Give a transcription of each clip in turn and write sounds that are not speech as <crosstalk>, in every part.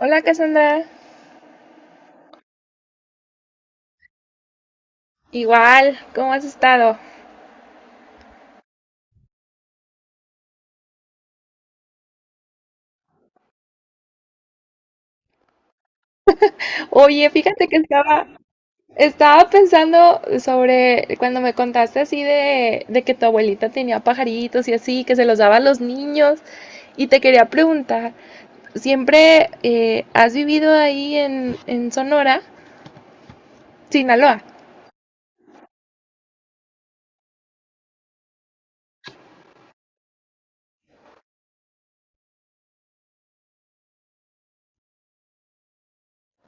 Hola Cassandra, igual, ¿cómo has estado? Oye, fíjate que estaba pensando sobre cuando me contaste así de que tu abuelita tenía pajaritos y así, que se los daba a los niños, y te quería preguntar, ¿siempre has vivido ahí en Sonora, Sinaloa?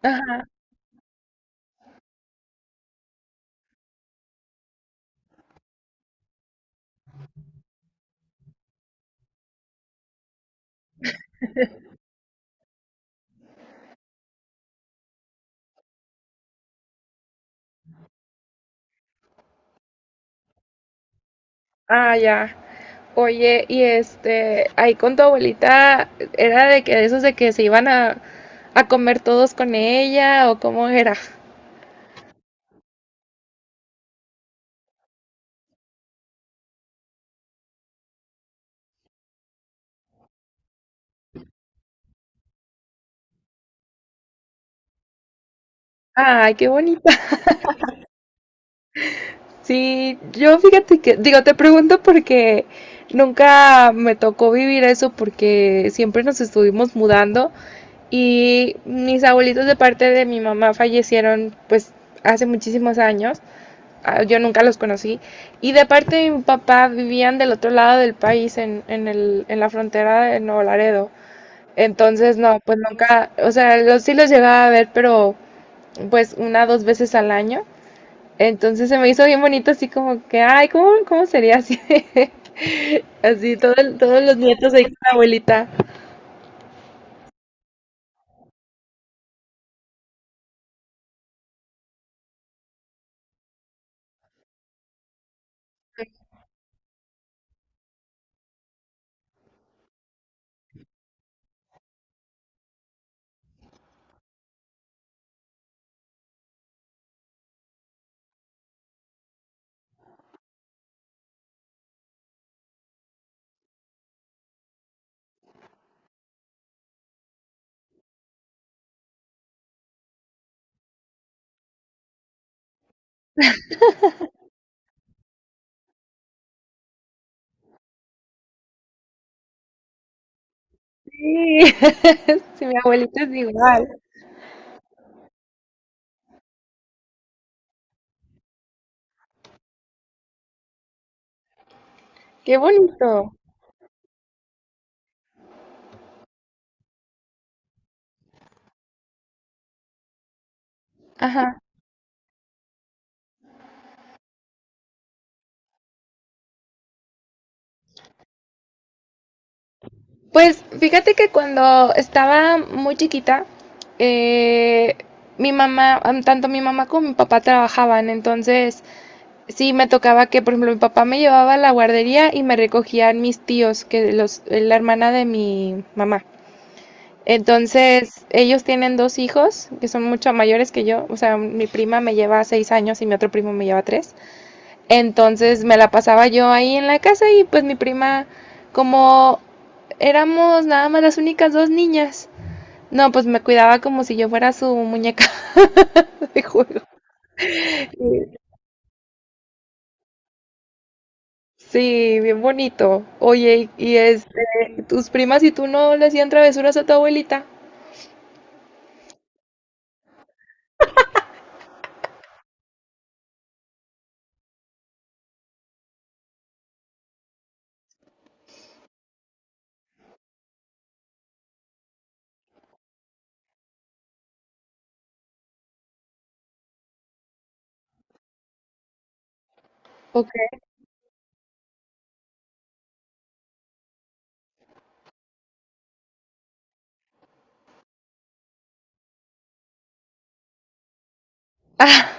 Ajá. Ah, ya. Oye, y este, ahí con tu abuelita, ¿era de que de esos de que se iban a comer todos con ella o cómo era? Ay, qué bonita. <laughs> Sí, yo fíjate que, digo, te pregunto porque nunca me tocó vivir eso porque siempre nos estuvimos mudando y mis abuelitos de parte de mi mamá fallecieron pues hace muchísimos años. Ah, yo nunca los conocí. Y de parte de mi papá vivían del otro lado del país, en la frontera de Nuevo Laredo. Entonces, no, pues nunca, o sea, los sí los llegaba a ver, pero pues una, dos veces al año. Entonces se me hizo bien bonito así como que, ay, ¿cómo sería así? <laughs> Así todos los nietos ahí con la abuelita. Sí, <laughs> sí, mi abuelita es igual. Qué bonito. Ajá. Pues fíjate que cuando estaba muy chiquita, eh, tanto mi mamá como mi papá trabajaban, entonces sí me tocaba que, por ejemplo, mi papá me llevaba a la guardería y me recogían mis tíos, que los, la hermana de mi mamá. Entonces, ellos tienen dos hijos que son mucho mayores que yo. O sea, mi prima me lleva 6 años y mi otro primo me lleva tres. Entonces, me la pasaba yo ahí en la casa y pues mi prima, como éramos nada más las únicas dos niñas, no, pues me cuidaba como si yo fuera su muñeca <laughs> de juego. Sí, bien bonito. Oye, y este, tus primas y tú no le hacían travesuras a tu abuelita. Ok. Ah,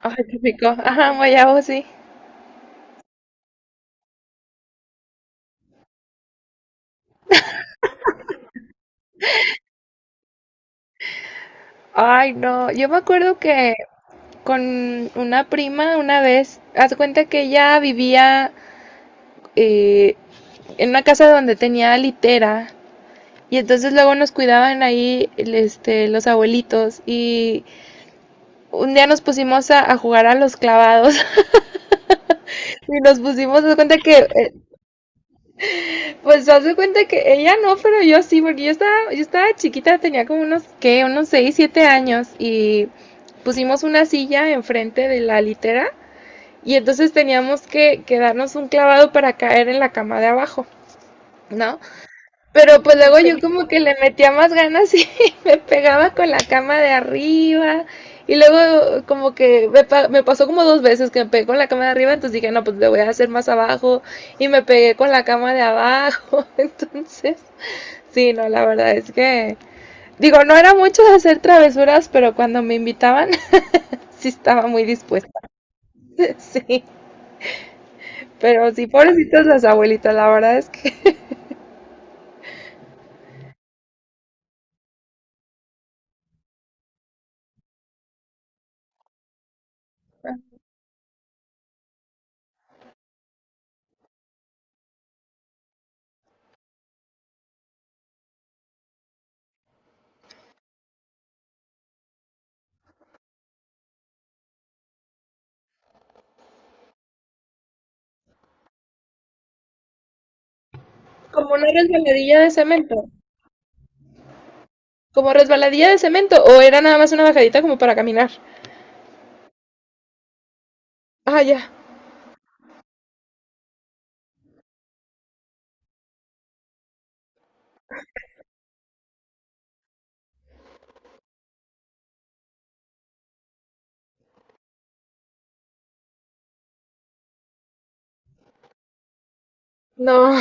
ay, qué rico. Ajá, guayabo, sí. Ay, no, yo me acuerdo que con una prima una vez, haz de cuenta que ella vivía eh, en una casa donde tenía litera y entonces luego nos cuidaban ahí los abuelitos y un día nos pusimos a jugar a los clavados <laughs> y nos pusimos, haz de cuenta que, pues haz de cuenta que ella no, pero yo sí, porque yo estaba chiquita, tenía como unos, ¿qué? Unos 6 7 años y pusimos una silla enfrente de la litera. Y entonces teníamos que darnos un clavado para caer en la cama de abajo, ¿no? Pero pues luego yo como que le metía más ganas y <laughs> me pegaba con la cama de arriba. Y luego como que me pasó como 2 veces que me pegué con la cama de arriba, entonces dije, no, pues le voy a hacer más abajo. Y me pegué con la cama de abajo. <laughs> Entonces, sí, no, la verdad es que... Digo, no era mucho de hacer travesuras, pero cuando me invitaban, <laughs> sí estaba muy dispuesta. <laughs> Sí. Pero sí, pobrecitas las abuelitas, la verdad es que <laughs> como una resbaladilla de cemento. Como resbaladilla de cemento. O era nada más una bajadita como para caminar. Ah, ya. No.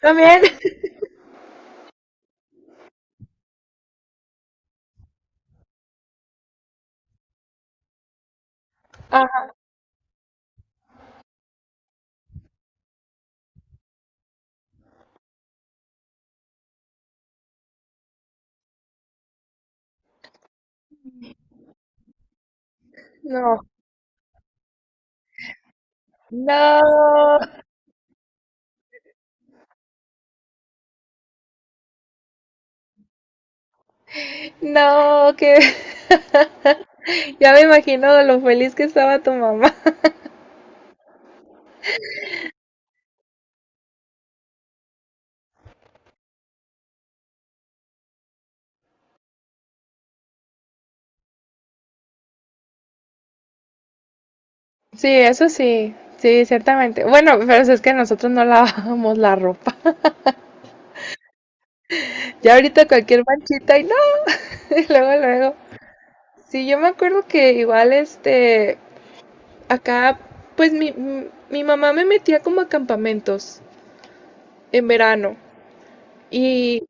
También. <laughs> Ah, no. No. No, que. <laughs> Ya me imagino de lo feliz que estaba tu mamá. Sí, eso sí. Sí, ciertamente. Bueno, pero es que nosotros no lavábamos la ropa. Ya ahorita cualquier manchita y no. <laughs> Y luego, luego. Sí, yo me acuerdo que igual este, acá, pues mi mamá me metía como a campamentos en verano y,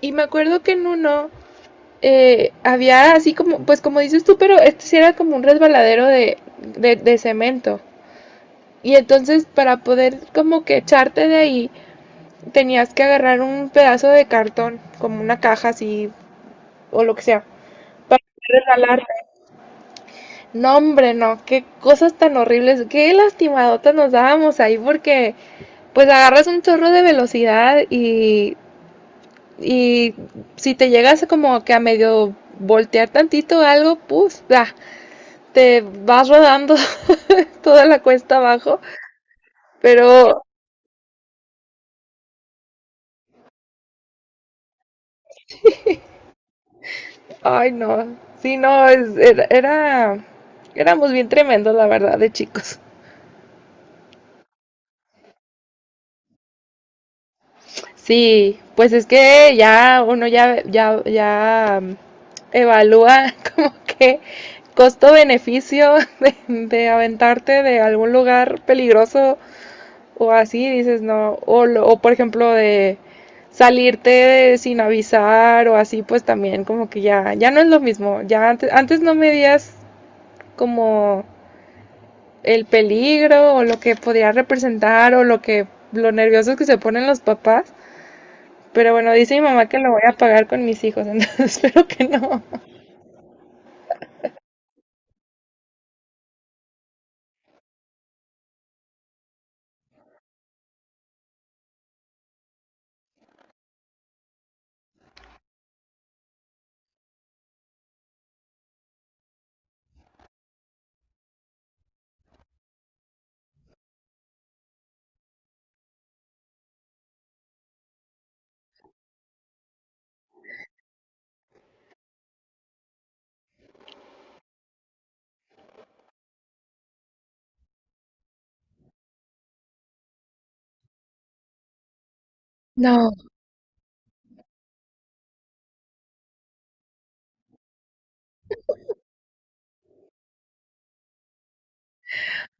y me acuerdo que en uno había así como, pues como dices tú, pero este sí era como un resbaladero de cemento. Y entonces para poder como que echarte de ahí, tenías que agarrar un pedazo de cartón, como una caja así o lo que sea, para poder resbalarte. No, hombre, no, qué cosas tan horribles, qué lastimadotas nos dábamos ahí porque... pues agarras un chorro de velocidad y si te llegas como que a medio voltear tantito algo, pues te vas rodando <laughs> toda la cuesta abajo. Pero, ay no, sí, no, éramos bien tremendos, la verdad, de chicos. Sí, pues es que ya uno evalúa <laughs> como que costo-beneficio <laughs> de aventarte de algún lugar peligroso o así, dices no, o por ejemplo de salirte sin avisar o así, pues también como que ya no es lo mismo, ya antes no medías como el peligro o lo que podría representar o lo que, lo nerviosos que se ponen los papás. Pero bueno, dice mi mamá que lo voy a pagar con mis hijos, entonces <laughs> espero que no.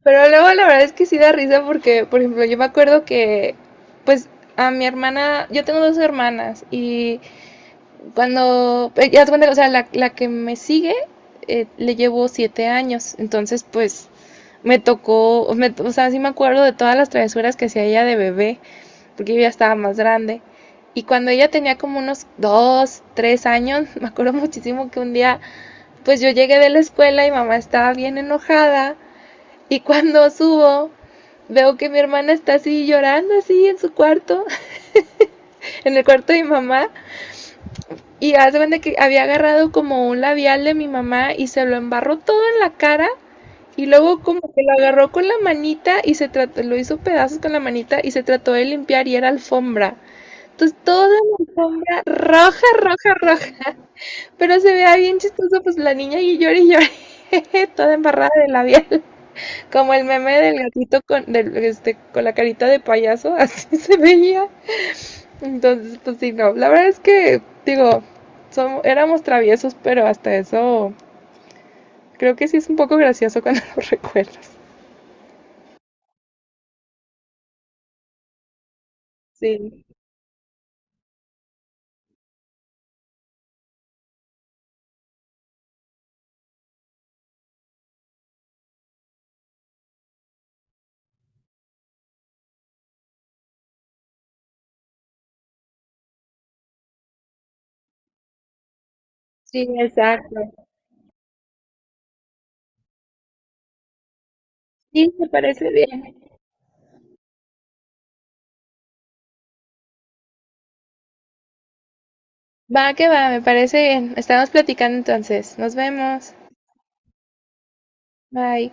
Pero luego la verdad es que sí da risa porque, por ejemplo, yo me acuerdo que, pues, a mi hermana, yo tengo dos hermanas y cuando, ya te cuenta, o sea, la que me sigue le llevo 7 años, entonces pues me tocó, o sea, sí me acuerdo de todas las travesuras que hacía ella de bebé, porque yo ya estaba más grande. Y cuando ella tenía como unos 2, 3 años, <laughs> me acuerdo muchísimo que un día. Pues yo llegué de la escuela y mamá estaba bien enojada y cuando <laughs> subo veo que mi hermana está así llorando así en su cuarto, <laughs> en el cuarto de mi mamá y hace cuenta que había agarrado como un labial de mi mamá y se lo embarró todo en la cara y luego como que lo agarró con la manita y se trató, lo hizo pedazos con la manita y se trató de limpiar y era alfombra. Entonces toda la alfombra roja, roja, roja. Pero se veía bien chistoso, pues la niña y lloré, <laughs> toda embarrada de labial, como el meme del gatito con, del, este, con la carita de payaso, <laughs> así se veía. Entonces, pues sí, no, la verdad es que, digo, éramos traviesos, pero hasta eso creo que sí es un poco gracioso cuando <laughs> lo recuerdas. Sí, sí, exacto. Sí, me parece bien. Va que va, me parece bien. Estamos platicando entonces. Nos vemos. Bye.